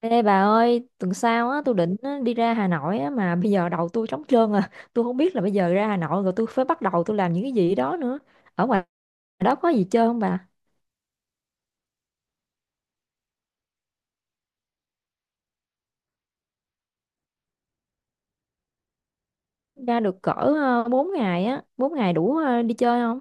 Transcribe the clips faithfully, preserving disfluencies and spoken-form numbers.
Ê bà ơi, tuần sau á, tôi định á, đi ra Hà Nội á, mà bây giờ đầu tôi trống trơn à. Tôi không biết là bây giờ ra Hà Nội rồi tôi phải bắt đầu tôi làm những cái gì đó nữa. Ở ngoài đó có gì chơi không bà? Ra được cỡ ờ, bốn ngày á, bốn ngày đủ ờ, đi chơi không?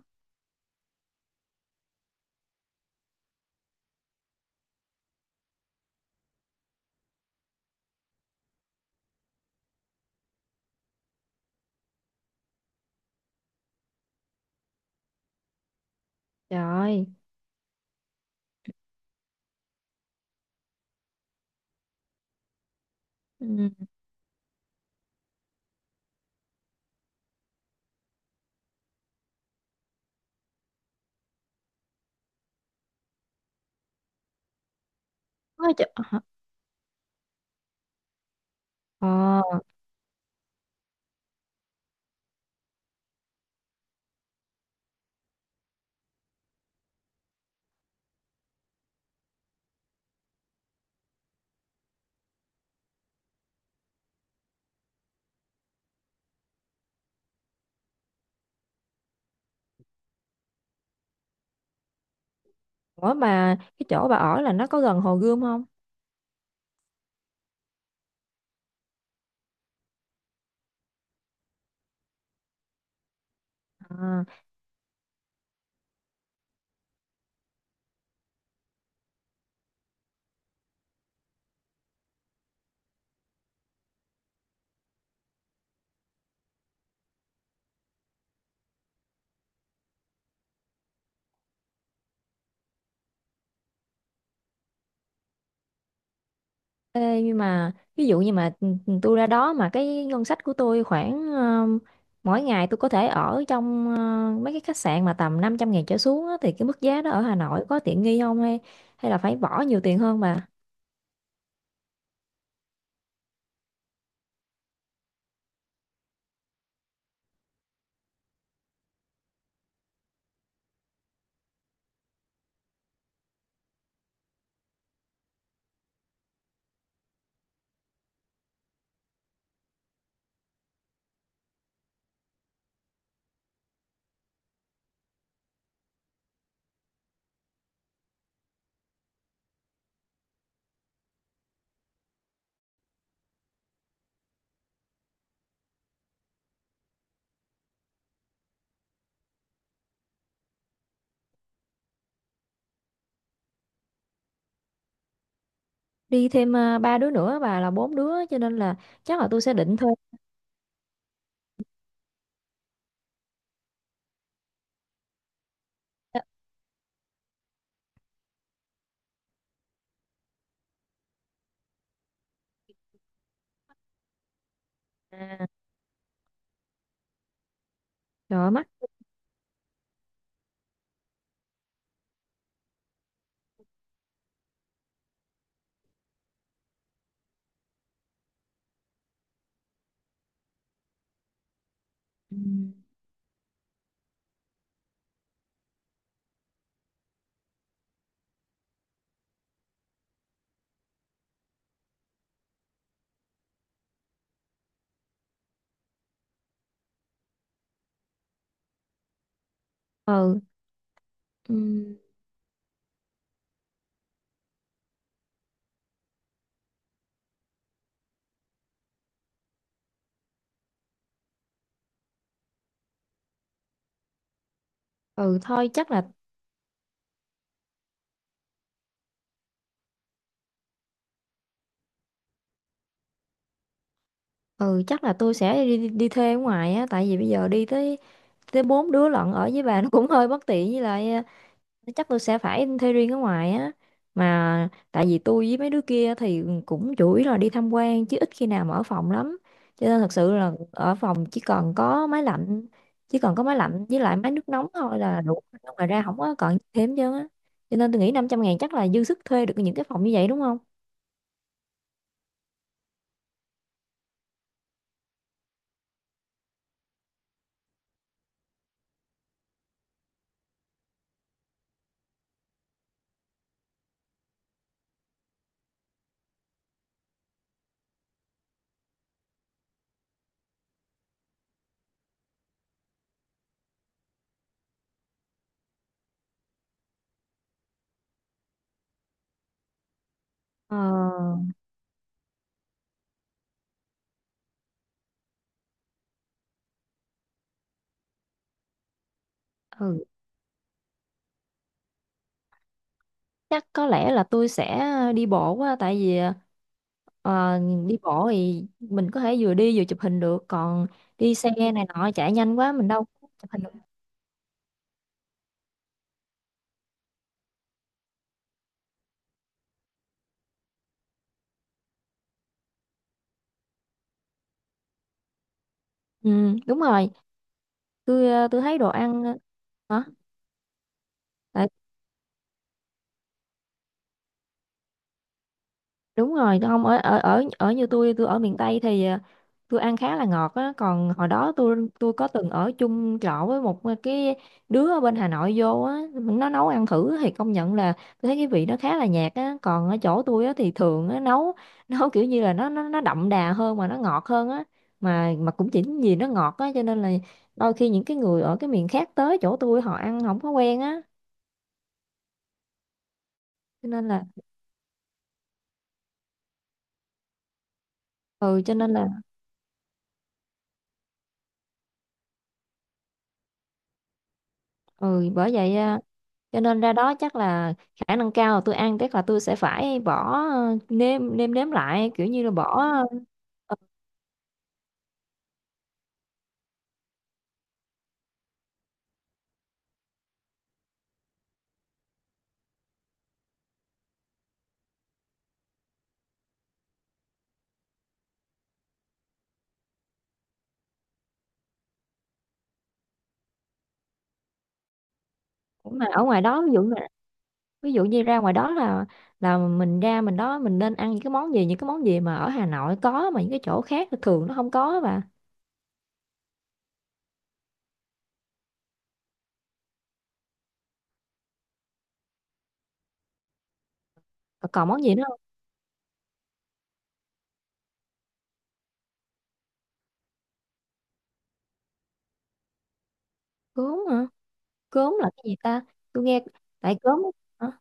Trời ơi. Ừ. Có chỗ... Ờ, ủa mà cái chỗ bà ở là nó có gần Hồ Gươm không? À. Ê, nhưng mà ví dụ như mà ừ, ừ, tôi ra đó mà cái ngân sách của tôi khoảng um, mỗi ngày tôi có thể ở trong uh, mấy cái khách sạn mà tầm năm trăm ngàn trở xuống á, thì cái mức giá đó ở Hà Nội có tiện nghi không hay hay là phải bỏ nhiều tiền hơn bà. Đi thêm uh, ba đứa nữa bà, là bốn đứa cho nên là chắc là tôi sẽ định thuê. À, trời ơi, mắc. Ừ. Ừ. ừ ừ, thôi chắc là ừ chắc là tôi sẽ đi, đi đi thuê ở ngoài á, tại vì bây giờ đi tới tới bốn đứa lận ở với bà nó cũng hơi bất tiện, với lại ờ, chắc tôi sẽ phải thuê riêng ở ngoài á, mà tại vì tôi với mấy đứa kia thì cũng chủ yếu là đi tham quan chứ ít khi nào mà ở phòng lắm, cho nên thật sự là ở phòng chỉ còn có máy lạnh chỉ còn có máy lạnh với lại máy nước nóng thôi là đủ, ngoài ra không có còn thêm chứ á, cho nên tôi nghĩ năm trăm ngàn chắc là dư sức thuê được những cái phòng như vậy đúng không? Ờ, ừ chắc có lẽ là tôi sẽ ờ, đi bộ quá tại vì ờ, đi bộ thì mình có thể vừa đi vừa chụp hình được, còn đi xe này nọ chạy nhanh quá mình đâu có chụp hình được. Ừ, đúng rồi. Tôi ờ, tôi thấy đồ ăn ờ, hả đúng rồi, tôi không ở ở ở ở như tôi tôi ở miền Tây thì à, tôi ăn khá là ngọt á, còn hồi đó tôi tôi có từng ở chung trọ với một cái đứa ở bên Hà Nội vô á, nó nấu ăn thử thì công nhận là tôi thấy cái vị nó khá là nhạt á, còn ở chỗ tôi á thì thường á nấu nấu kiểu như là nó nó nó đậm đà hơn mà nó ngọt hơn á, mà mà cũng chỉ vì nó ngọt á cho nên là đôi khi những cái người ở cái miền khác tới chỗ tôi họ ăn không có quen á, cho nên là ừ cho nên là ừ bởi vậy à, cho nên ra đó chắc là khả năng cao là tôi ăn chắc là tôi sẽ phải bỏ ờ, nêm nêm nếm lại kiểu như là bỏ ờ, mà ở ngoài đó ví dụ như- ví dụ như ra ngoài đó là là mình ra mình đó mình nên ăn những cái món gì, những cái món gì mà ở Hà Nội có mà những cái chỗ khác thì thường nó không có và còn, còn món gì nữa không? Cốm hả? Cốm là cái gì ta, tôi nghe tại cốm hả?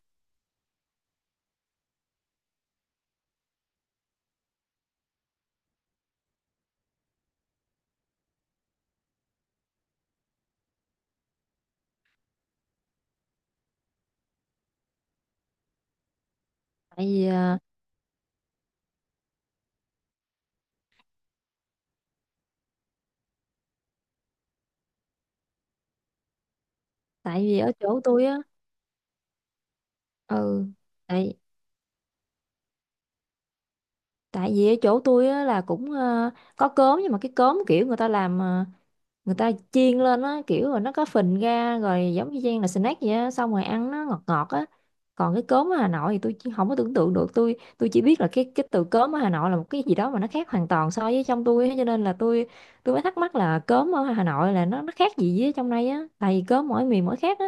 Tại vì ờ, tại vì ở chỗ tôi á. Ừ, tại tại vì ở chỗ tôi á là cũng ờ, có cốm nhưng mà cái cốm kiểu người ta làm ờ, người ta chiên lên á kiểu rồi nó có phình ra rồi giống như chiên là snack vậy á, xong rồi ăn nó ngọt ngọt á, còn cái cốm ở Hà Nội thì tôi chỉ không có tưởng tượng được. Tôi tôi chỉ biết là cái cái từ cốm ở Hà Nội là một cái gì đó mà nó khác hoàn toàn so với trong tôi á, cho nên là tôi tôi mới thắc mắc là cốm ở Hà Nội là nó nó khác gì với trong đây á, tại vì cốm mỗi miền mỗi khác á.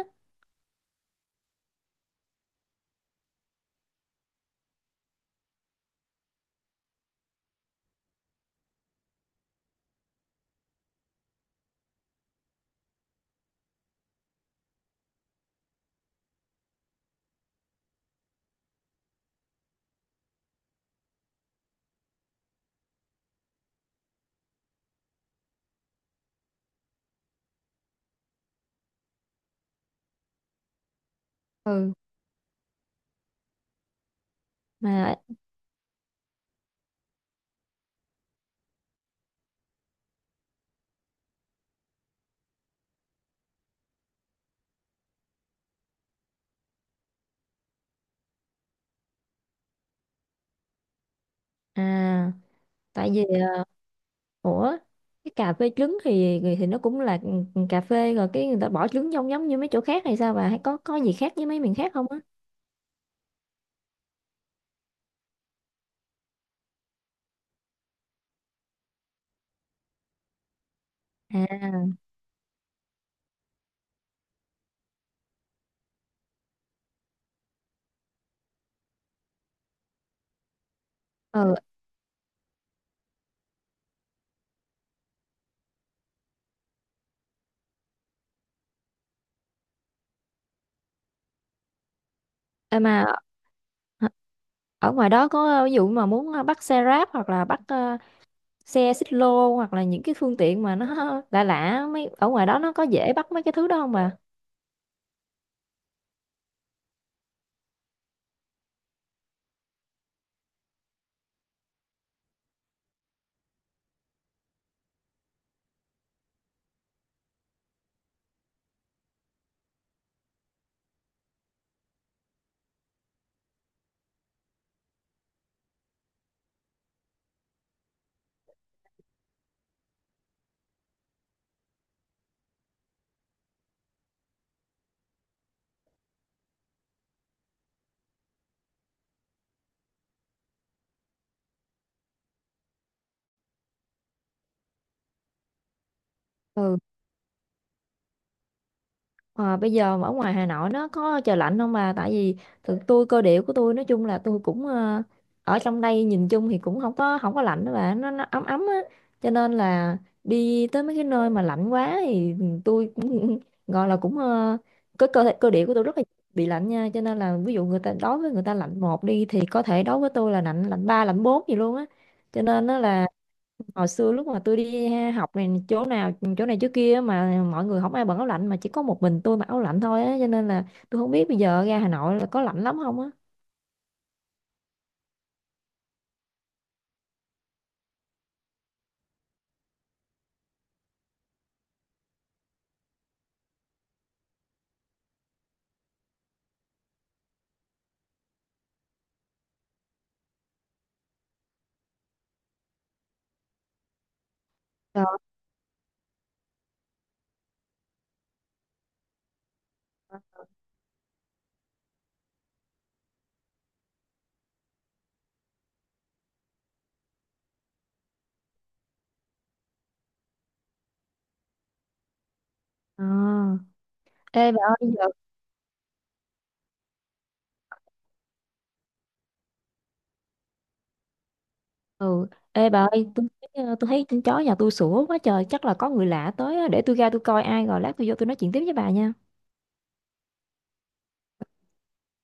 Ừ mà à tại vì à, ủa cái cà phê trứng thì thì nó cũng là ừ, ừ, cà phê rồi cái người ta bỏ trứng trong giống như mấy chỗ khác hay sao bà, hay có có gì khác với mấy miền khác không á? À. Ừ em mà hả? Ở ngoài đó có ờ, ví dụ mà muốn ờ, bắt xe ráp hoặc là bắt ờ, xe xích lô hoặc là những cái phương tiện mà nó lạ lạ mấy ở ngoài đó nó có dễ bắt mấy cái thứ đó không bà? Ừ. Ờ, bây giờ ở ngoài Hà Nội nó có trời lạnh không bà? Tại vì thực tôi cơ địa của tôi nói chung là tôi cũng ờ, ở trong đây nhìn chung thì cũng không có không có lạnh đó bà, nó, nó ấm ấm á. Cho nên là đi tới mấy cái nơi mà lạnh quá thì tôi cũng gọi là cũng ờ, cái cơ thể cơ địa của tôi rất là bị lạnh nha. Cho nên là ví dụ người ta đối với người ta lạnh một đi thì có thể đối với tôi là lạnh lạnh ba lạnh bốn gì luôn á. Cho nên nó là hồi xưa lúc mà tôi đi học này chỗ nào chỗ này chỗ kia mà mọi người không ai bận áo lạnh mà chỉ có một mình tôi mặc áo lạnh thôi á, cho nên là tôi không biết bây giờ ra Hà Nội là có lạnh lắm không á. Trời à. Ê bà ơi giờ ừ ê bà ơi tôi thấy ờ, tôi thấy con chó nhà tôi sủa quá trời chắc là có người lạ tới á. Để tôi ra tôi coi ai rồi lát tôi vô tôi nói chuyện tiếp với bà nha.